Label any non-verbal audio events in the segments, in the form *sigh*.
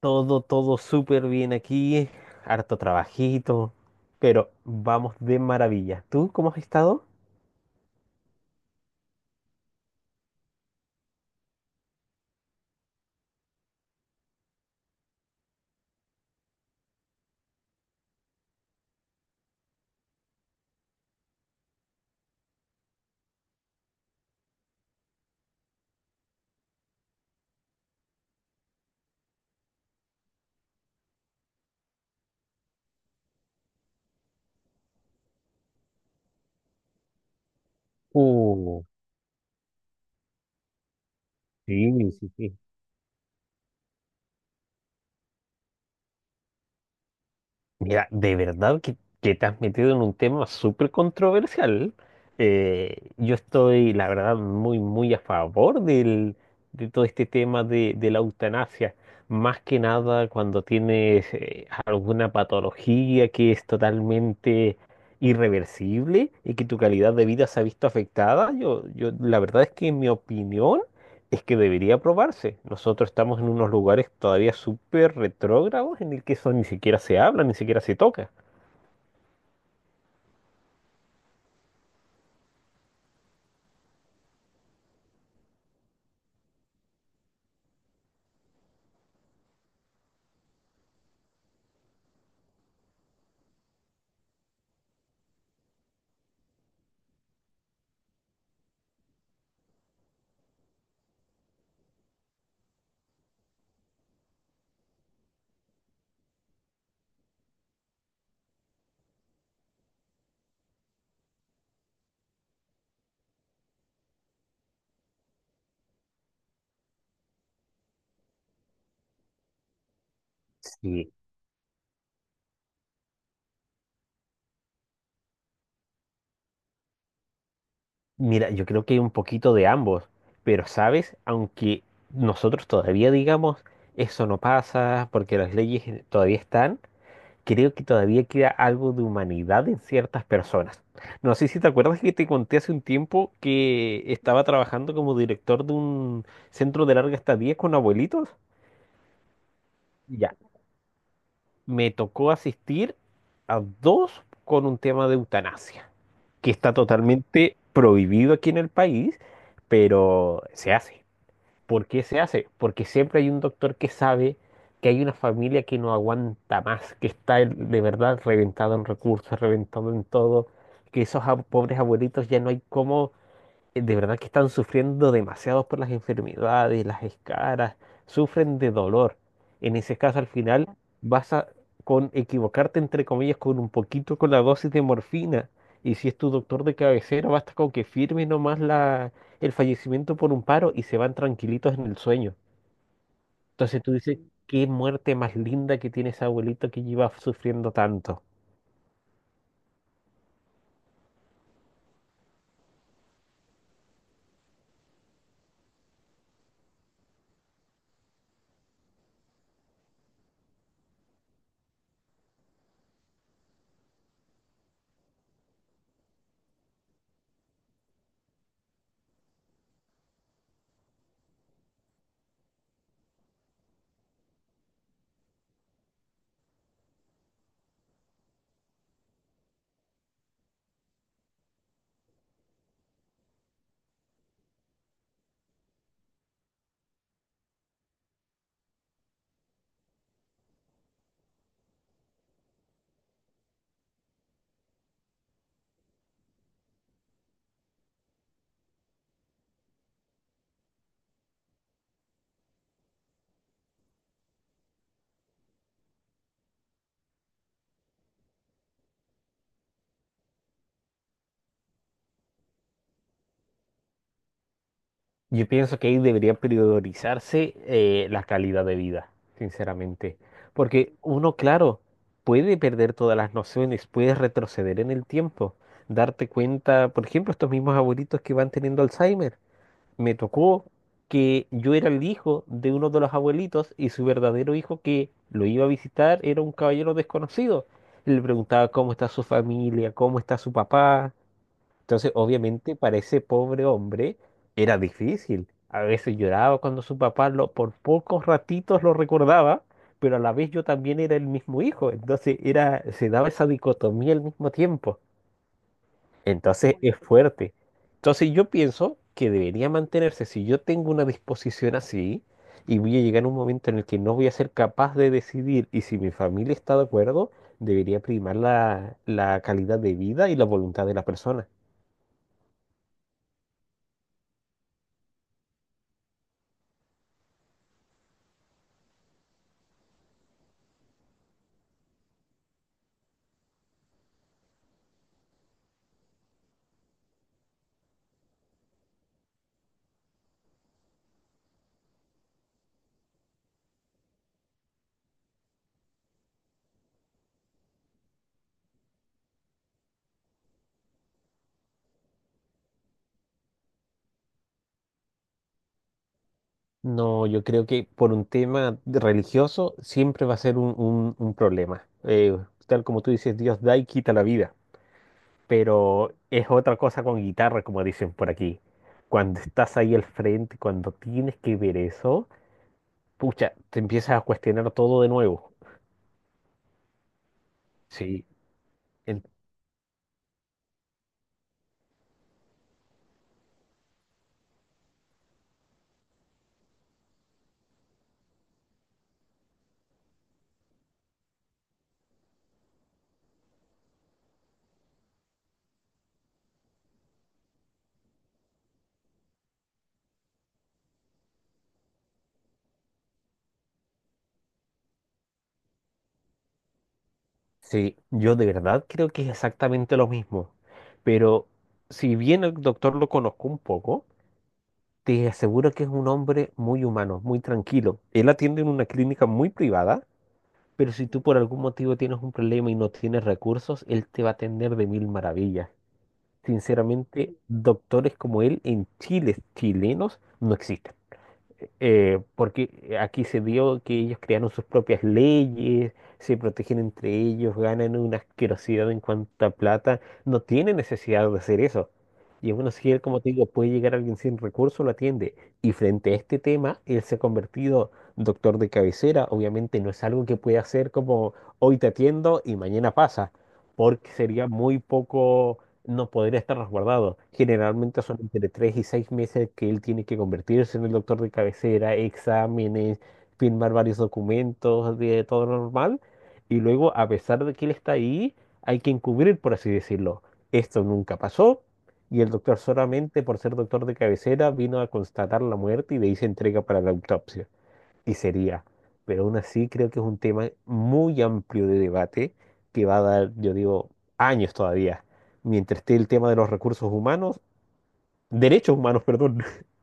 Todo, todo súper bien aquí, harto trabajito, pero vamos de maravilla. ¿Tú cómo has estado? Uh, sí, sí, sí. Mira, de verdad que te has metido en un tema súper controversial. Yo estoy, la verdad, muy, muy a favor de todo este tema de la eutanasia. Más que nada cuando tienes alguna patología que es totalmente irreversible y que tu calidad de vida se ha visto afectada. Yo, la verdad es que en mi opinión es que debería probarse. Nosotros estamos en unos lugares todavía súper retrógrados en el que eso ni siquiera se habla, ni siquiera se toca. Sí. Mira, yo creo que hay un poquito de ambos, pero sabes, aunque nosotros todavía digamos eso no pasa porque las leyes todavía están, creo que todavía queda algo de humanidad en ciertas personas. No sé si te acuerdas que te conté hace un tiempo que estaba trabajando como director de un centro de larga estadía con abuelitos. Ya. Me tocó asistir a dos con un tema de eutanasia, que está totalmente prohibido aquí en el país, pero se hace. ¿Por qué se hace? Porque siempre hay un doctor que sabe que hay una familia que no aguanta más, que está de verdad reventado en recursos, reventado en todo, que esos pobres abuelitos ya no hay cómo de verdad que están sufriendo demasiado por las enfermedades, las escaras, sufren de dolor. En ese caso, al final, vas a con equivocarte, entre comillas, con un poquito con la dosis de morfina. Y si es tu doctor de cabecera, basta con que firme nomás el fallecimiento por un paro y se van tranquilitos en el sueño. Entonces tú dices, qué muerte más linda que tiene ese abuelito que lleva sufriendo tanto. Yo pienso que ahí debería priorizarse la calidad de vida, sinceramente. Porque uno, claro, puede perder todas las nociones, puede retroceder en el tiempo, darte cuenta, por ejemplo, estos mismos abuelitos que van teniendo Alzheimer. Me tocó que yo era el hijo de uno de los abuelitos y su verdadero hijo que lo iba a visitar era un caballero desconocido. Le preguntaba cómo está su familia, cómo está su papá, entonces, obviamente, para ese pobre hombre era difícil. A veces lloraba cuando su papá lo, por pocos ratitos lo recordaba, pero a la vez yo también era el mismo hijo. Entonces, era, se daba esa dicotomía al mismo tiempo. Entonces, es fuerte. Entonces, yo pienso que debería mantenerse. Si yo tengo una disposición así y voy a llegar a un momento en el que no voy a ser capaz de decidir y si mi familia está de acuerdo, debería primar la calidad de vida y la voluntad de la persona. No, yo creo que por un tema religioso siempre va a ser un problema. Tal como tú dices, Dios da y quita la vida. Pero es otra cosa con guitarra, como dicen por aquí. Cuando estás ahí al frente, cuando tienes que ver eso, pucha, te empiezas a cuestionar todo de nuevo. Sí, en- sí, yo de verdad creo que es exactamente lo mismo. Pero si bien el doctor lo conozco un poco, te aseguro que es un hombre muy humano, muy tranquilo. Él atiende en una clínica muy privada, pero si tú por algún motivo tienes un problema y no tienes recursos, él te va a atender de mil maravillas. Sinceramente, doctores como él en Chile, chilenos, no existen porque aquí se dio que ellos crearon sus propias leyes, se protegen entre ellos, ganan una asquerosidad en cuanto a plata, no tienen necesidad de hacer eso. Y aún así, él, como te digo, puede llegar alguien sin recursos, lo atiende. Y frente a este tema, él se ha convertido doctor de cabecera. Obviamente no es algo que pueda hacer como hoy te atiendo y mañana pasa, porque sería muy poco, no podría estar resguardado. Generalmente son entre 3 y 6 meses que él tiene que convertirse en el doctor de cabecera, exámenes, firmar varios documentos de todo lo normal. Y luego, a pesar de que él está ahí, hay que encubrir, por así decirlo. Esto nunca pasó. Y el doctor solamente por ser doctor de cabecera vino a constatar la muerte y de ahí se entrega para la autopsia y sería. Pero aún así creo que es un tema muy amplio de debate que va a dar, yo digo, años todavía. Mientras esté el tema de los recursos humanos, derechos humanos, perdón. *laughs*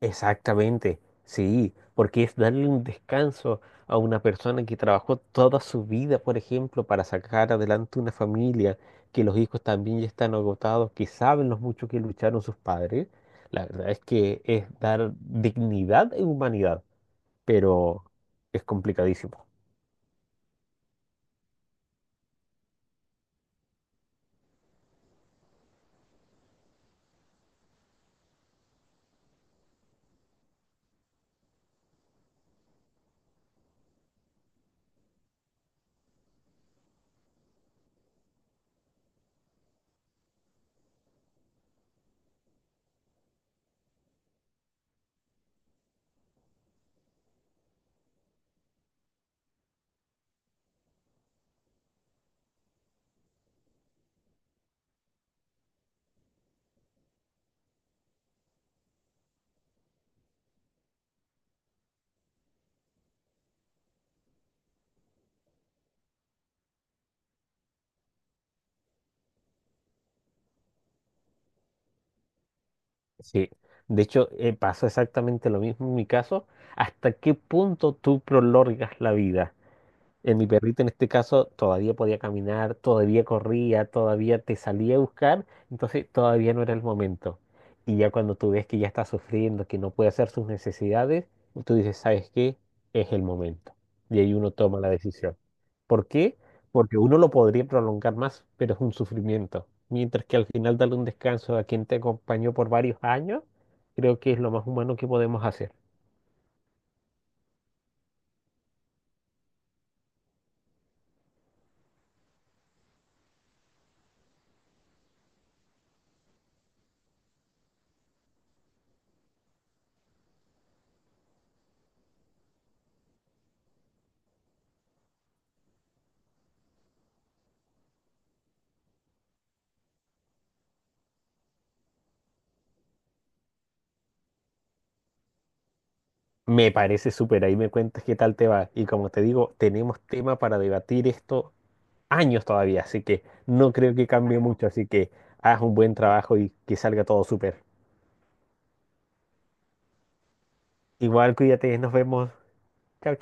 Exactamente, sí, porque es darle un descanso a una persona que trabajó toda su vida, por ejemplo, para sacar adelante una familia, que los hijos también ya están agotados, que saben los mucho que lucharon sus padres. La verdad es que es dar dignidad e humanidad. Pero es complicadísimo. Sí. De hecho, pasó exactamente lo mismo en mi caso. ¿Hasta qué punto tú prolongas la vida? En mi perrito, en este caso, todavía podía caminar, todavía corría, todavía te salía a buscar, entonces todavía no era el momento. Y ya cuando tú ves que ya está sufriendo, que no puede hacer sus necesidades, tú dices, ¿sabes qué? Es el momento. Y ahí uno toma la decisión. ¿Por qué? Porque uno lo podría prolongar más, pero es un sufrimiento. Mientras que al final darle un descanso a quien te acompañó por varios años, creo que es lo más humano que podemos hacer. Me parece súper, ahí me cuentas qué tal te va. Y como te digo, tenemos tema para debatir esto años todavía, así que no creo que cambie mucho, así que haz un buen trabajo y que salga todo súper. Igual cuídate, nos vemos. Chao,